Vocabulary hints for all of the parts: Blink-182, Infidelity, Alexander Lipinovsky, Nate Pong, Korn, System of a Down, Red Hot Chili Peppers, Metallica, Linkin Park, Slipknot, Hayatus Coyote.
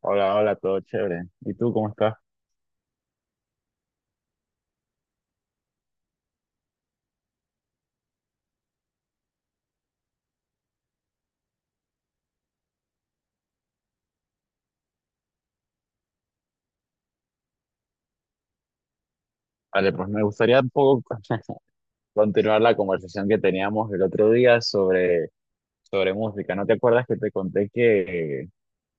Hola, hola, todo chévere. ¿Y tú cómo estás? Vale, pues me gustaría un poco continuar la conversación que teníamos el otro día sobre música. ¿No te acuerdas que te conté que,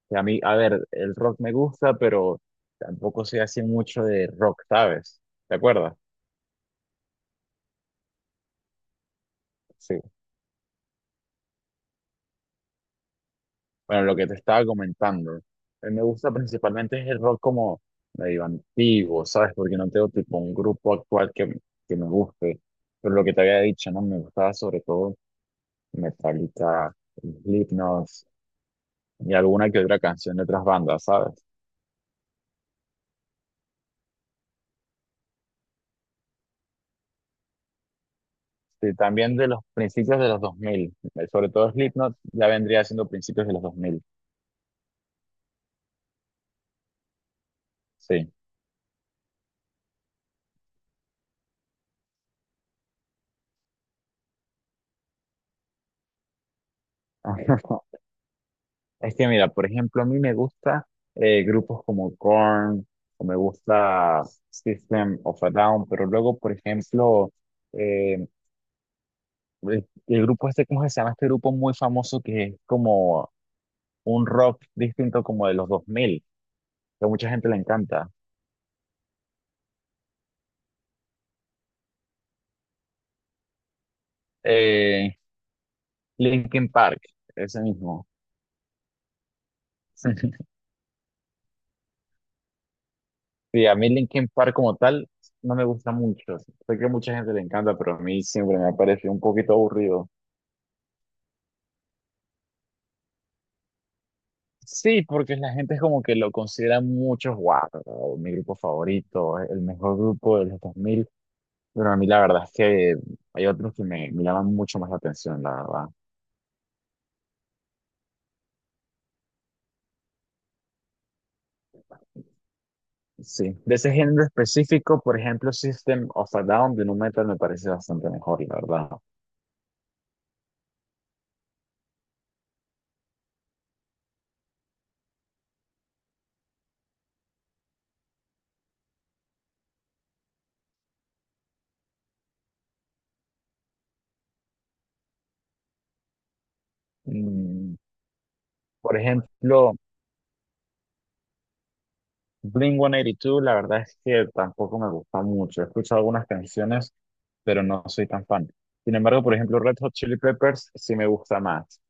que a mí, a ver, el rock me gusta, pero tampoco soy así mucho de rock, ¿sabes? ¿Te acuerdas? Sí. Bueno, lo que te estaba comentando. A mí me gusta principalmente es el rock como medio antiguo, ¿sabes? Porque no tengo tipo un grupo actual que me guste. Pero lo que te había dicho, ¿no? Me gustaba sobre todo. Metallica, Slipknot y alguna que otra canción de otras bandas, ¿sabes? Sí, también de los principios de los 2000, sobre todo Slipknot ya vendría siendo principios de los 2000. Sí. Es que mira, por ejemplo, a mí me gusta grupos como Korn, o me gusta System of a Down, pero luego, por ejemplo, eh, el grupo este, ¿cómo se llama? Este grupo muy famoso que es como un rock distinto como de los 2000 que a mucha gente le encanta. Eh, Linkin Park, ese mismo. Sí, a mí Linkin Park como tal no me gusta mucho. Sé que a mucha gente le encanta, pero a mí siempre me ha parecido un poquito aburrido. Sí, porque la gente es como que lo considera mucho, wow, mi grupo favorito, el mejor grupo de los 2000. Pero a mí la verdad es que hay otros que me llaman mucho más la atención, la verdad. Sí, de ese género específico, por ejemplo, System of a Down de Nu Metal me parece bastante mejor, la verdad. Mm, por ejemplo, Blink-182, la verdad es que tampoco me gusta mucho. He escuchado algunas canciones, pero no soy tan fan. Sin embargo, por ejemplo, Red Hot Chili Peppers sí me gusta más.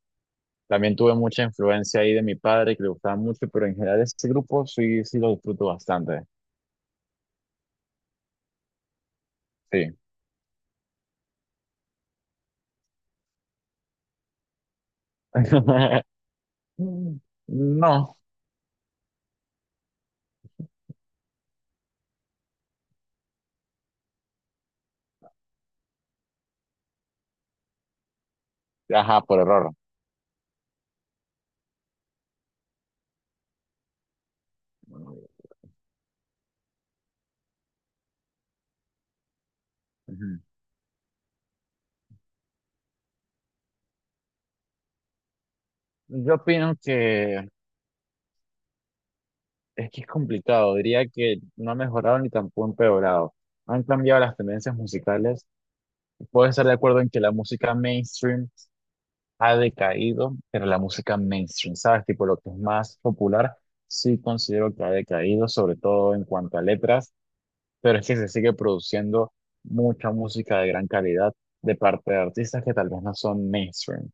También tuve mucha influencia ahí de mi padre, que le gustaba mucho, pero en general este grupo sí, sí lo disfruto bastante. Sí. No. Ajá, por error. Ujú. Yo opino que es complicado. Diría que no ha mejorado ni tampoco empeorado. Han cambiado las tendencias musicales. Voy a estar de acuerdo en que la música mainstream ha decaído, pero la música mainstream, ¿sabes? Tipo lo que es más popular, sí considero que ha decaído, sobre todo en cuanto a letras, pero es que se sigue produciendo mucha música de gran calidad de parte de artistas que tal vez no son mainstream.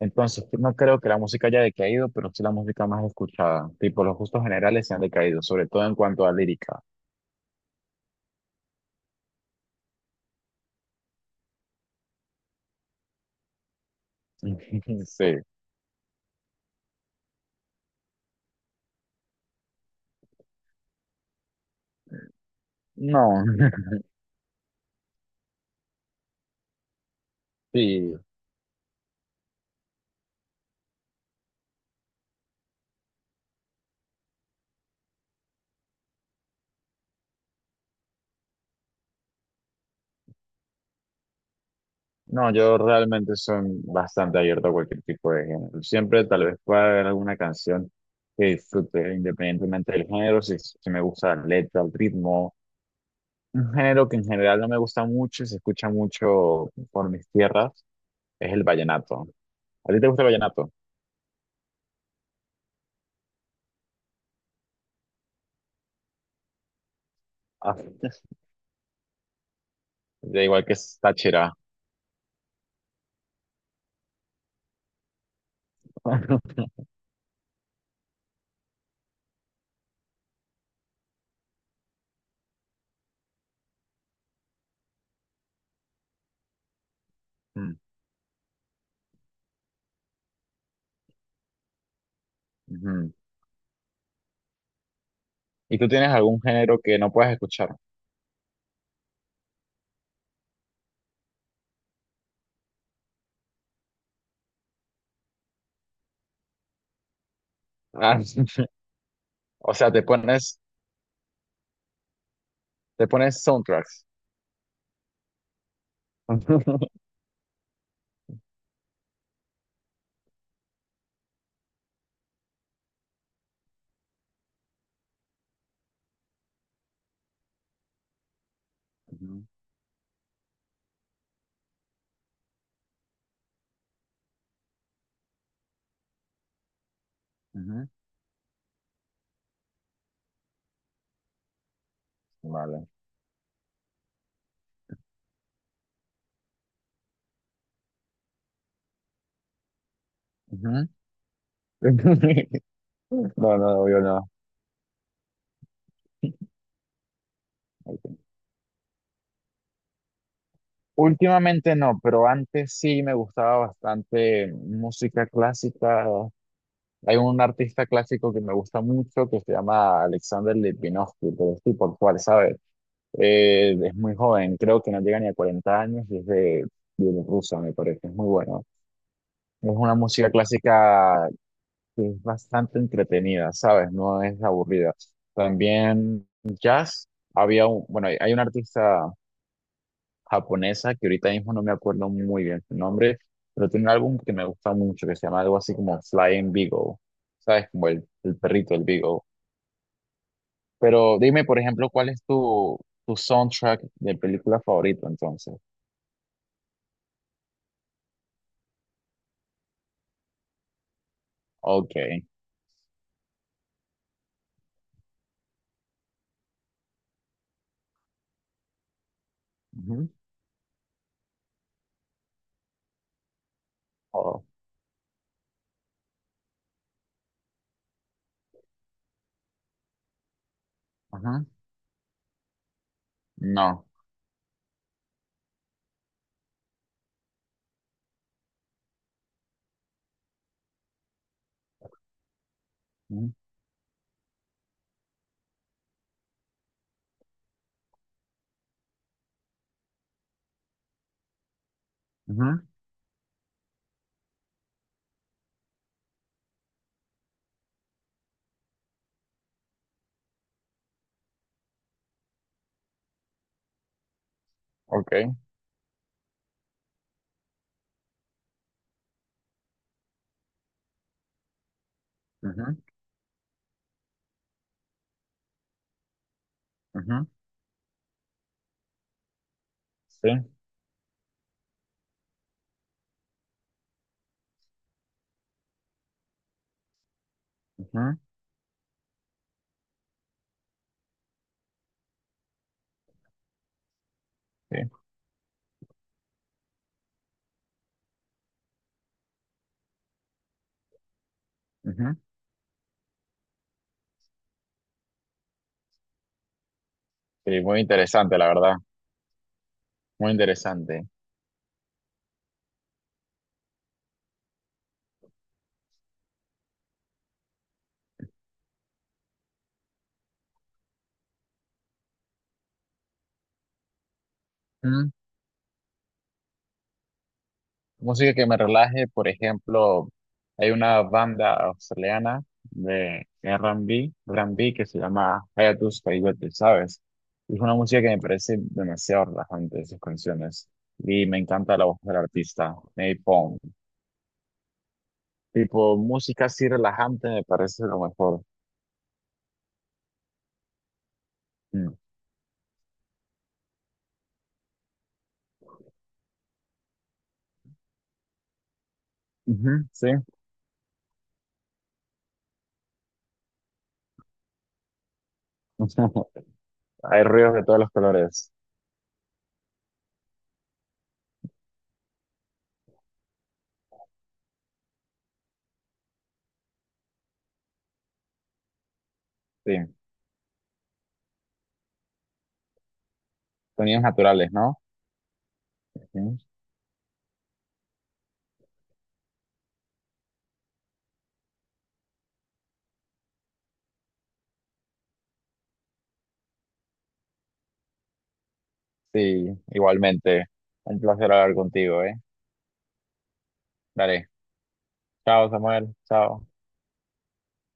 Entonces, no creo que la música haya decaído, pero sí la música más escuchada. Tipo, los gustos generales se han decaído, sobre todo en cuanto a lírica. Sí. No, sí. No, yo realmente soy bastante abierto a cualquier tipo de género. Siempre tal vez pueda haber alguna canción que disfrute independientemente del género, si me gusta la letra, el ritmo. Un género que en general no me gusta mucho y se escucha mucho por mis tierras es el vallenato. ¿A ti te gusta el vallenato? Ah, da igual que es Táchira. Mm, ujú. ¿Y tú tienes algún género que no puedas escuchar? Ah, O sea, te pones soundtracks. Ujú, ujú. Vale. Ujú. No, no, obvio no. Últimamente no, pero antes sí me gustaba bastante música clásica. Hay un artista clásico que me gusta mucho que se llama Alexander Lipinovsky, pero es tipo cual, ¿sabes? Es muy joven, creo que no llega ni a 40 años y es de Bielorrusia, me parece, es muy bueno. Es una música clásica que es bastante entretenida, ¿sabes? No es aburrida. También jazz, había un, bueno, hay un artista. Japonesa, que ahorita mismo no me acuerdo muy bien su nombre, pero tiene un álbum que me gusta mucho, que se llama algo así como Flying Beagle, ¿sabes? Como el perrito, el Beagle. Pero dime, por ejemplo, ¿cuál es tu soundtrack de película favorito entonces? Ok. Ujú. Oh, ujú. No. Ujú. Ujú. Ok. Ujú. Ujú. Sí. Ujú. Sí. Ujú. Sí, muy interesante, la verdad. Muy interesante. Música que me relaje, por ejemplo, hay una banda australiana de R&B, R&B que se llama Hayatus Coyote, ¿sabes? Y es una música que me parece demasiado relajante, sus canciones. Y me encanta la voz del artista, Nate Pong. Tipo, música así relajante me parece lo mejor. Mm. Ujú, sí. Hay ruidos de todos los colores. Sí. Sonidos naturales, ¿no? Ujú. Sí, igualmente. Un placer hablar contigo, ¿eh? Dale. Chao, Samuel. Chao.